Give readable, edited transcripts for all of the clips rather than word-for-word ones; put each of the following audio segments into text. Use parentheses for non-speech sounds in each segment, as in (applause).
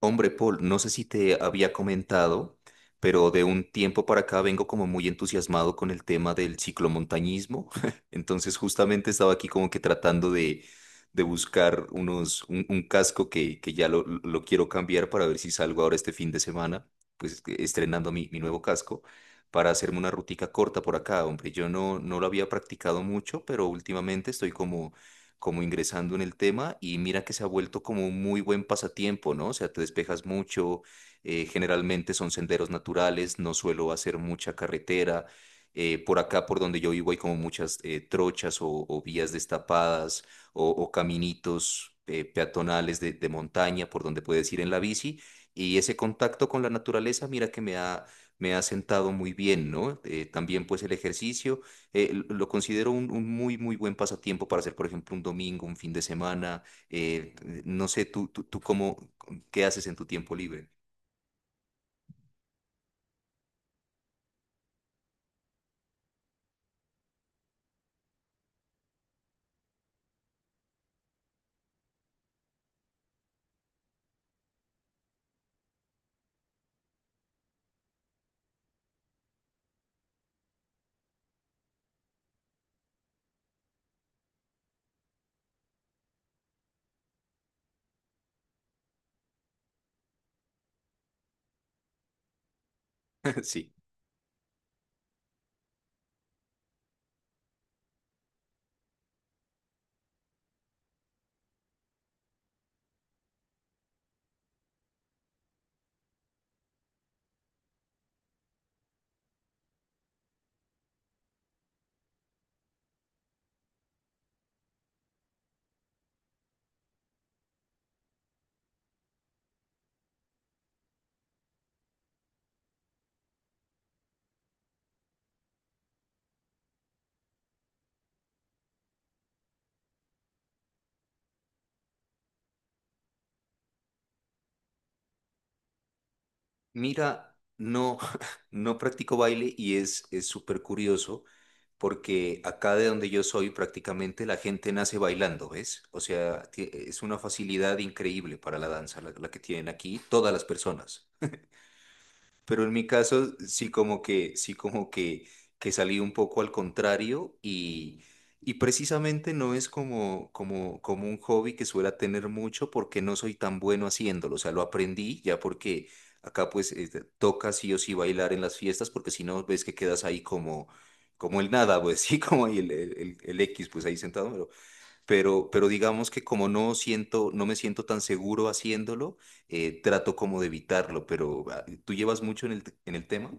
Hombre, Paul, no sé si te había comentado, pero de un tiempo para acá vengo como muy entusiasmado con el tema del ciclomontañismo. (laughs) Entonces, justamente estaba aquí como que tratando de buscar un casco que ya lo quiero cambiar para ver si salgo ahora este fin de semana, estrenando mi nuevo casco, para hacerme una rutica corta por acá. Hombre, yo no, no lo había practicado mucho, pero últimamente estoy como ingresando en el tema y mira que se ha vuelto como un muy buen pasatiempo, ¿no? O sea, te despejas mucho, generalmente son senderos naturales, no suelo hacer mucha carretera. Por acá, por donde yo vivo, hay como muchas trochas o vías destapadas o caminitos peatonales de montaña por donde puedes ir en la bici. Y ese contacto con la naturaleza, mira que me ha sentado muy bien, ¿no? También pues el ejercicio lo considero un muy buen pasatiempo para hacer, por ejemplo, un domingo, un fin de semana. No sé, qué haces en tu tiempo libre. (laughs) Sí. Mira, no, (laughs) no practico baile y es súper curioso porque acá de donde yo soy prácticamente la gente nace bailando, ¿ves? O sea, es una facilidad increíble para la danza la que tienen aquí todas las personas. Pero en mi caso, que salí un poco al contrario y precisamente no es como un hobby que suela tener mucho porque no soy tan bueno haciéndolo. O sea, lo aprendí ya porque acá pues toca sí o sí bailar en las fiestas porque si no ves que quedas ahí como el nada, pues (laughs) sí, como ahí el X, pues ahí sentado pero digamos que como no siento, no me siento tan seguro haciéndolo, trato como de evitarlo, pero ah, ¿tú llevas mucho en en el tema?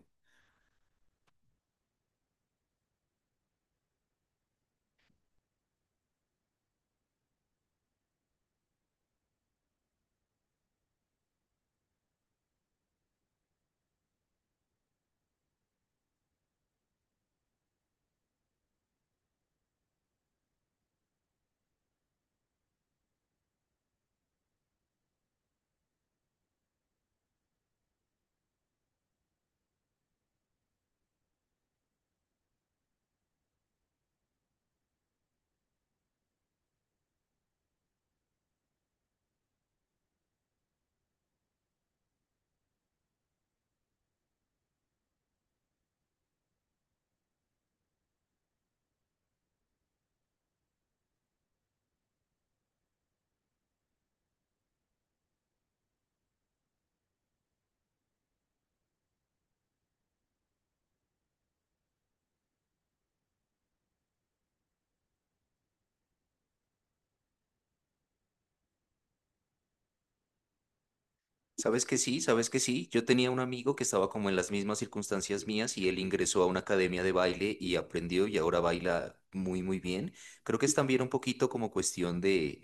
Sabes que sí, sabes que sí. Yo tenía un amigo que estaba como en las mismas circunstancias mías y él ingresó a una academia de baile y aprendió y ahora baila muy, muy bien. Creo que es también un poquito como cuestión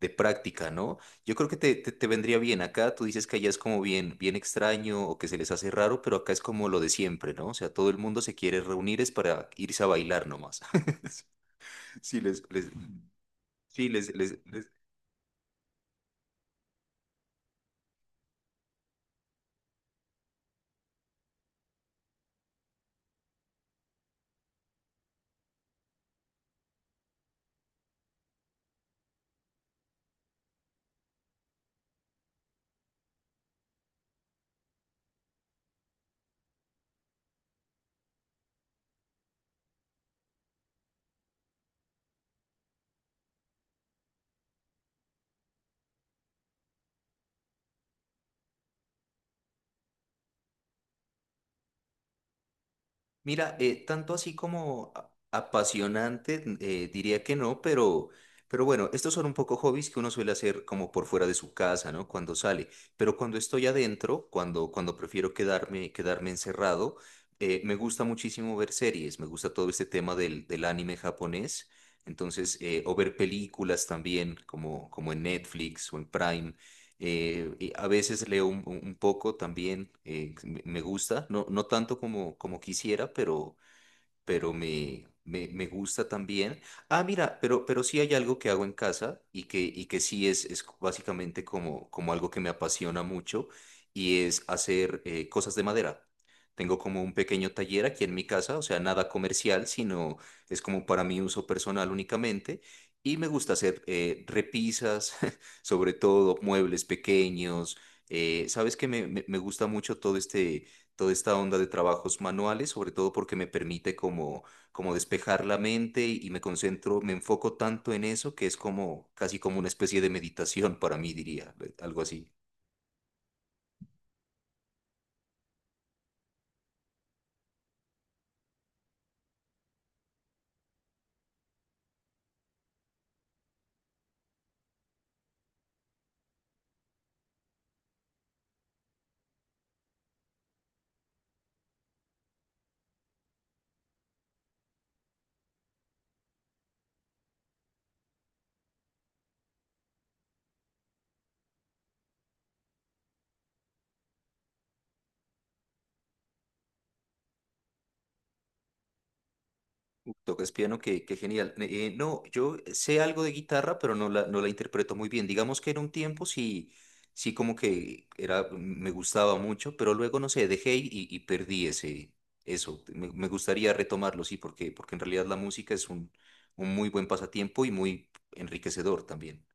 de práctica, ¿no? Yo creo que te vendría bien acá. Tú dices que allá es como bien extraño o que se les hace raro, pero acá es como lo de siempre, ¿no? O sea, todo el mundo se quiere reunir es para irse a bailar nomás. (laughs) Sí, les, les, sí, les, les, les. Mira, tanto así como apasionante, diría que no, pero bueno, estos son un poco hobbies que uno suele hacer como por fuera de su casa, ¿no? Cuando sale. Pero cuando estoy adentro, cuando prefiero quedarme encerrado, me gusta muchísimo ver series, me gusta todo este tema del anime japonés. Entonces, o ver películas también, como en Netflix o en Prime. Y a veces leo poco también, me gusta, no, no tanto como quisiera, pero me gusta también. Ah, mira, pero sí hay algo que hago en casa y que sí es básicamente como algo que me apasiona mucho y es hacer cosas de madera. Tengo como un pequeño taller aquí en mi casa, o sea, nada comercial, sino es como para mi uso personal únicamente. Y me gusta hacer repisas, (laughs) sobre todo muebles pequeños. Sabes que me gusta mucho todo este toda esta onda de trabajos manuales, sobre todo porque me permite como despejar la mente y me concentro, me enfoco tanto en eso que es como casi como una especie de meditación para mí, diría, algo así. Tocas piano, qué, qué genial. No, yo sé algo de guitarra, pero no la interpreto muy bien. Digamos que en un tiempo sí, sí como que era, me gustaba mucho, pero luego, no sé, dejé y perdí ese, eso. Me gustaría retomarlo, sí, porque, porque en realidad la música es un muy buen pasatiempo y muy enriquecedor también.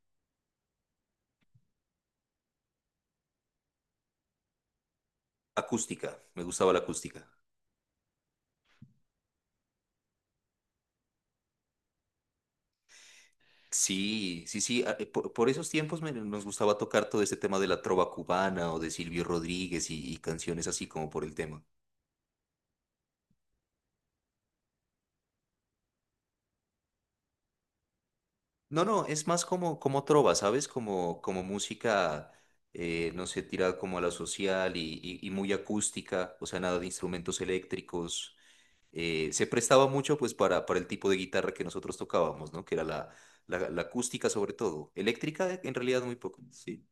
Acústica, me gustaba la acústica. Sí, sí, sí. Por esos tiempos nos gustaba tocar todo este tema de la trova cubana o de Silvio Rodríguez y canciones así como por el tema. No, no, es más como trova, ¿sabes? Como música, no sé, tirada como a la social y, y muy acústica, o sea, nada de instrumentos eléctricos. Se prestaba mucho pues para el tipo de guitarra que nosotros tocábamos, ¿no? Que era la acústica sobre todo. Eléctrica en realidad muy poco, sí.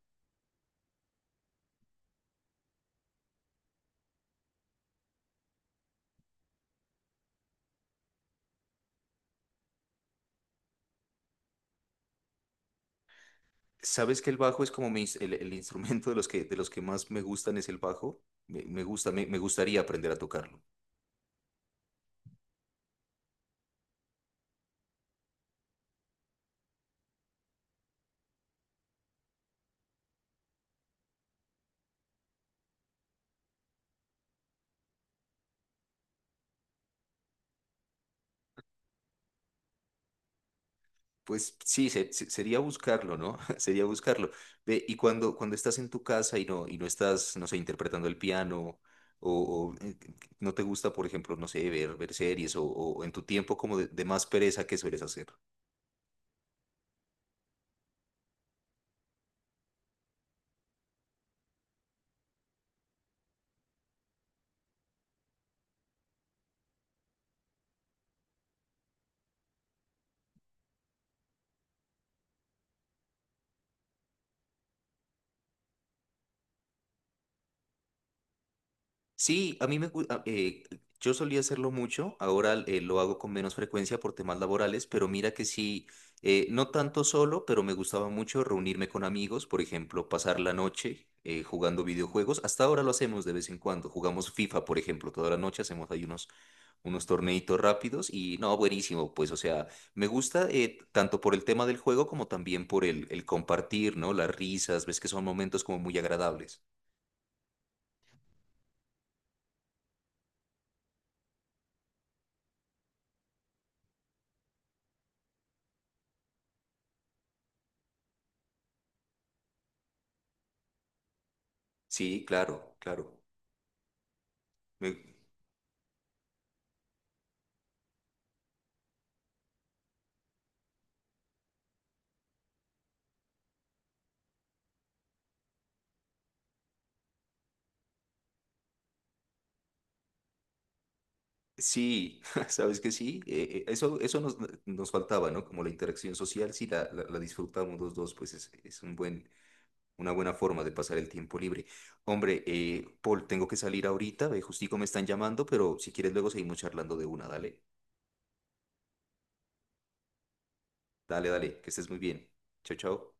¿Sabes que el bajo es como mi el instrumento de de los que más me gustan es el bajo? Me gusta, me gustaría aprender a tocarlo. Pues sí, sería buscarlo, ¿no? (laughs) Sería buscarlo. Ve, y cuando estás en tu casa y y no estás, no sé, interpretando el piano, o, no te gusta, por ejemplo, no sé, ver series, o en tu tiempo como de más pereza, ¿qué sueles hacer? Sí, a mí me gusta, yo solía hacerlo mucho, ahora lo hago con menos frecuencia por temas laborales, pero mira que sí, no tanto solo, pero me gustaba mucho reunirme con amigos, por ejemplo, pasar la noche jugando videojuegos. Hasta ahora lo hacemos de vez en cuando, jugamos FIFA, por ejemplo, toda la noche hacemos ahí unos, unos torneitos rápidos y no, buenísimo, pues o sea, me gusta tanto por el tema del juego como también por el compartir, ¿no? Las risas, ves que son momentos como muy agradables. Sí, claro, claro. Me- Sí, (laughs) sabes que sí, eso, nos faltaba, ¿no? Como la interacción social, sí, la disfrutamos los dos, pues es un buen, una buena forma de pasar el tiempo libre. Hombre, Paul, tengo que salir ahorita, justico me están llamando, pero si quieres luego seguimos charlando de una, dale, dale, dale, que estés muy bien. Chao, chao.